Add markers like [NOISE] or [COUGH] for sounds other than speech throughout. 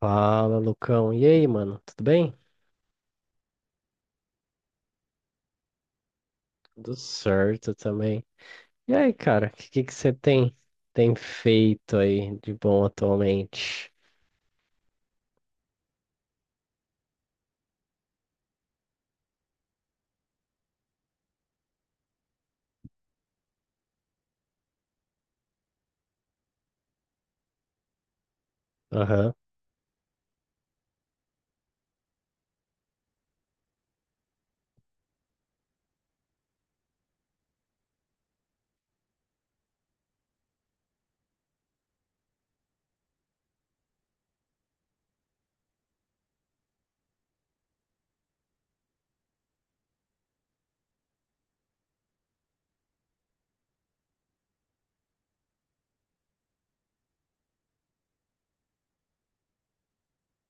Fala, Lucão. E aí, mano? Tudo bem? Tudo certo também. E aí, cara, o que que você tem feito aí de bom atualmente? Aham,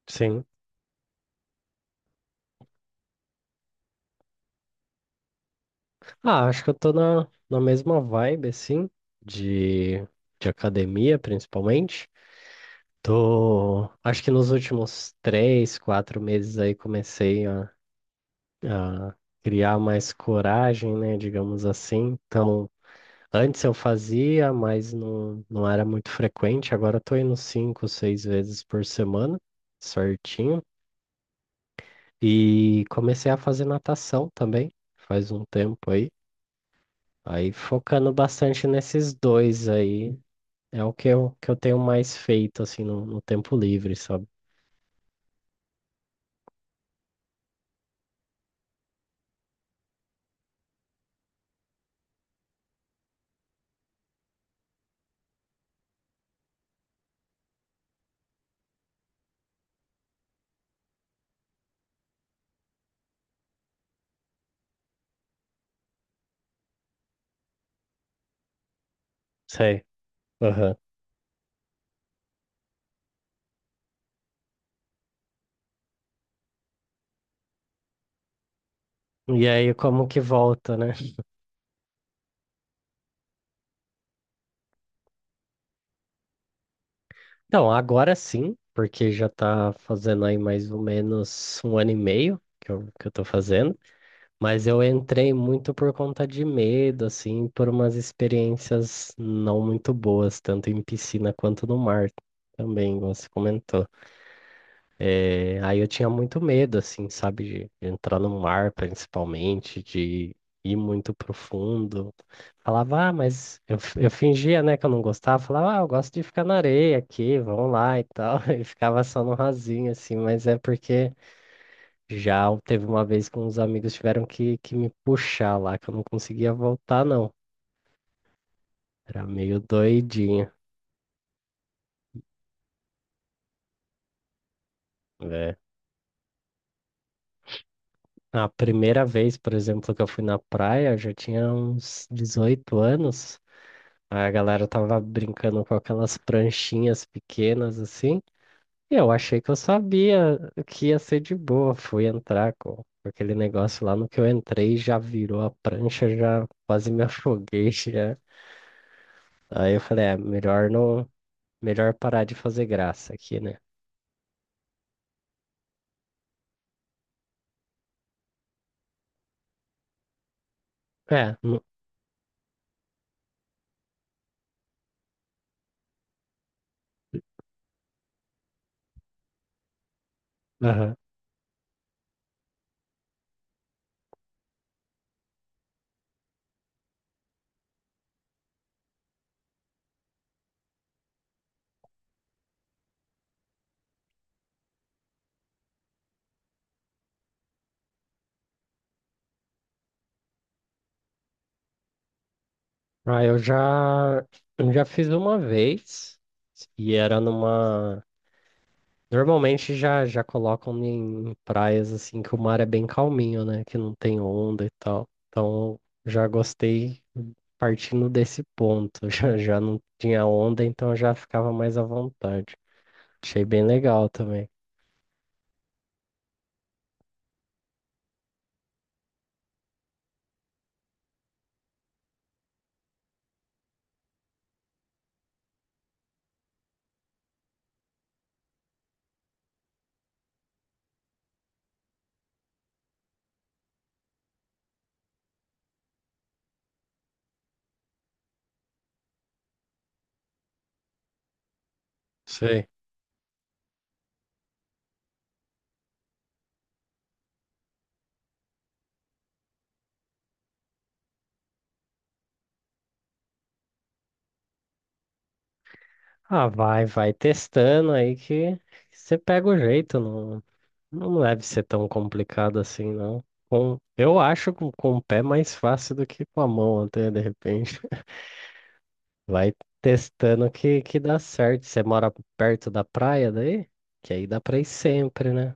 sim. Ah, acho que eu tô na mesma vibe, assim, de, de academia, principalmente. Tô, acho que nos últimos três, quatro meses aí comecei a criar mais coragem, né, digamos assim. Então, antes eu fazia, mas não era muito frequente. Agora eu tô indo cinco, seis vezes por semana, certinho. E comecei a fazer natação também, faz um tempo aí. Aí focando bastante nesses dois aí, é o que eu tenho mais feito, assim, no tempo livre, sabe? Sei. Aham. E aí como que volta, né? Então, agora sim, porque já tá fazendo aí mais ou menos um ano e meio que eu tô fazendo. Mas eu entrei muito por conta de medo, assim, por umas experiências não muito boas, tanto em piscina quanto no mar também, como você comentou. É, aí eu tinha muito medo, assim, sabe, de entrar no mar, principalmente, de ir muito profundo. Falava, ah, mas eu, eu fingia, né, que eu não gostava. Falava, ah, eu gosto de ficar na areia aqui, vamos lá e tal. [LAUGHS] E ficava só no rasinho, assim, mas é porque. Já teve uma vez que uns amigos tiveram que me puxar lá, que eu não conseguia voltar, não. Era meio doidinho, né? A primeira vez, por exemplo, que eu fui na praia, eu já tinha uns 18 anos. Aí a galera tava brincando com aquelas pranchinhas pequenas assim. E eu achei que eu sabia que ia ser de boa. Fui entrar com aquele negócio lá no que eu entrei, já virou a prancha, já quase me [LAUGHS] afoguei, já. Aí eu falei, é, melhor não, melhor parar de fazer graça aqui, né? É, aham. Ah, eu já fiz uma vez e era numa. Normalmente já colocam em praias assim que o mar é bem calminho, né? Que não tem onda e tal. Então já gostei partindo desse ponto. [LAUGHS] Já não tinha onda, então já ficava mais à vontade. Achei bem legal também. Sei. Ah, vai testando aí que você pega o jeito. Não, não deve ser tão complicado assim, não. Eu acho com o pé mais fácil do que com a mão, até de repente. [LAUGHS] Vai testando que dá certo. Você mora perto da praia daí? Que aí dá pra ir sempre, né?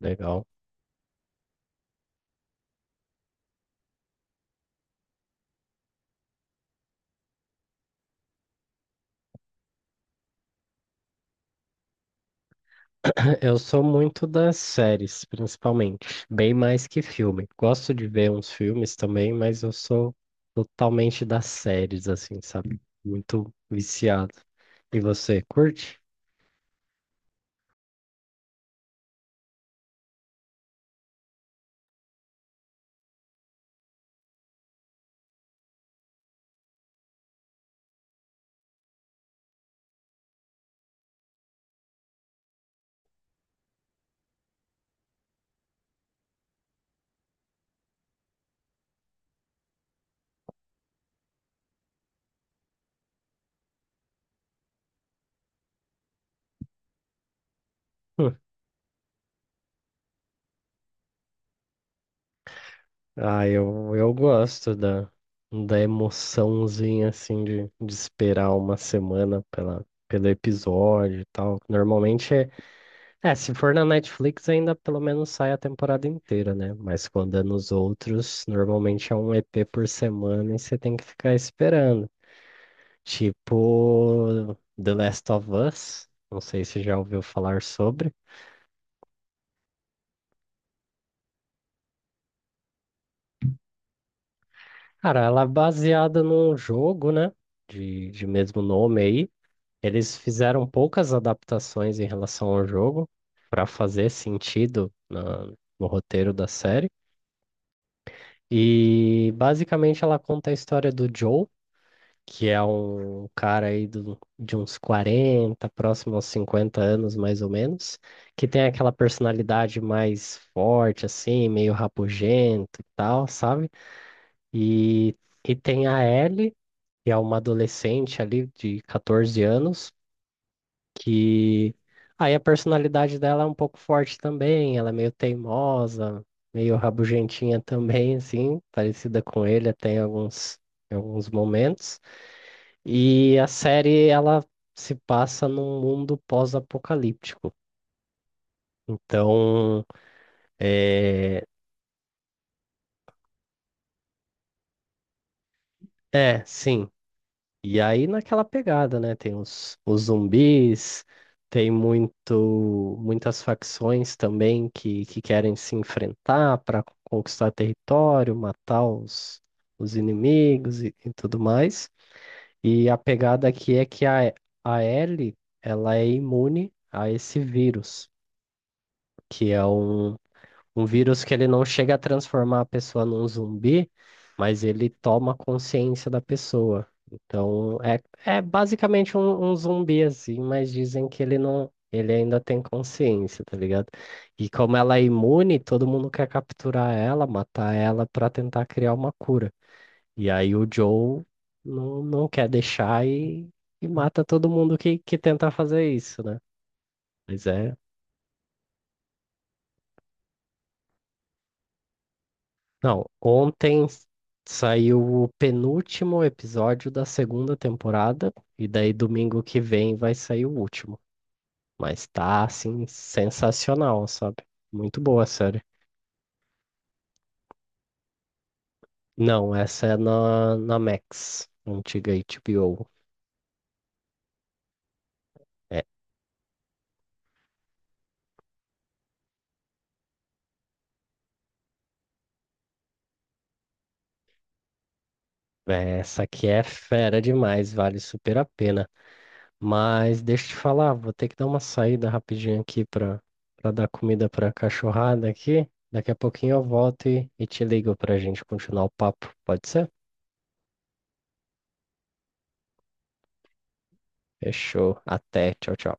Legal. [LAUGHS] Eu sou muito das séries, principalmente. Bem mais que filme. Gosto de ver uns filmes também, mas eu sou totalmente das séries, assim, sabe? Muito viciado. E você, curte? Ah, eu gosto da emoçãozinha, assim, de esperar uma semana pela, pelo episódio e tal. Normalmente é, se for na Netflix ainda pelo menos sai a temporada inteira, né? Mas quando é nos outros, normalmente é um EP por semana e você tem que ficar esperando. Tipo The Last of Us, não sei se já ouviu falar sobre. Cara, ela é baseada num jogo, né? De mesmo nome aí. Eles fizeram poucas adaptações em relação ao jogo para fazer sentido no roteiro da série. E basicamente ela conta a história do Joe, que é um cara aí de uns 40, próximo aos 50 anos mais ou menos, que tem aquela personalidade mais forte, assim, meio rabugento e tal, sabe? E, e tem a Ellie, que é uma adolescente ali de 14 anos que aí a personalidade dela é um pouco forte também, ela é meio teimosa, meio rabugentinha [LAUGHS] também, assim, parecida com ele até em alguns momentos. E a série, ela se passa num mundo pós-apocalíptico. Então, é, sim, e aí naquela pegada, né? Tem os zumbis, tem muitas facções também que querem se enfrentar para conquistar território, matar os inimigos e tudo mais. E a pegada aqui é que a Ellie, ela é imune a esse vírus, que é um vírus que ele não chega a transformar a pessoa num zumbi, mas ele toma consciência da pessoa. Então, é basicamente um zumbi assim, mas dizem que ele não, ele ainda tem consciência, tá ligado? E como ela é imune, todo mundo quer capturar ela, matar ela pra tentar criar uma cura. E aí o Joe não quer deixar e mata todo mundo que tenta fazer isso, né? Mas é Não, ontem saiu o penúltimo episódio da segunda temporada, e daí domingo que vem vai sair o último. Mas tá, assim, sensacional, sabe? Muito boa a série. Não, essa é na Max, antiga HBO. É, essa aqui é fera demais, vale super a pena. Mas deixa eu te falar, vou ter que dar uma saída rapidinho aqui para dar comida para a cachorrada aqui. Daqui a pouquinho eu volto e te ligo para a gente continuar o papo. Pode ser? Fechou. Até. Tchau, tchau.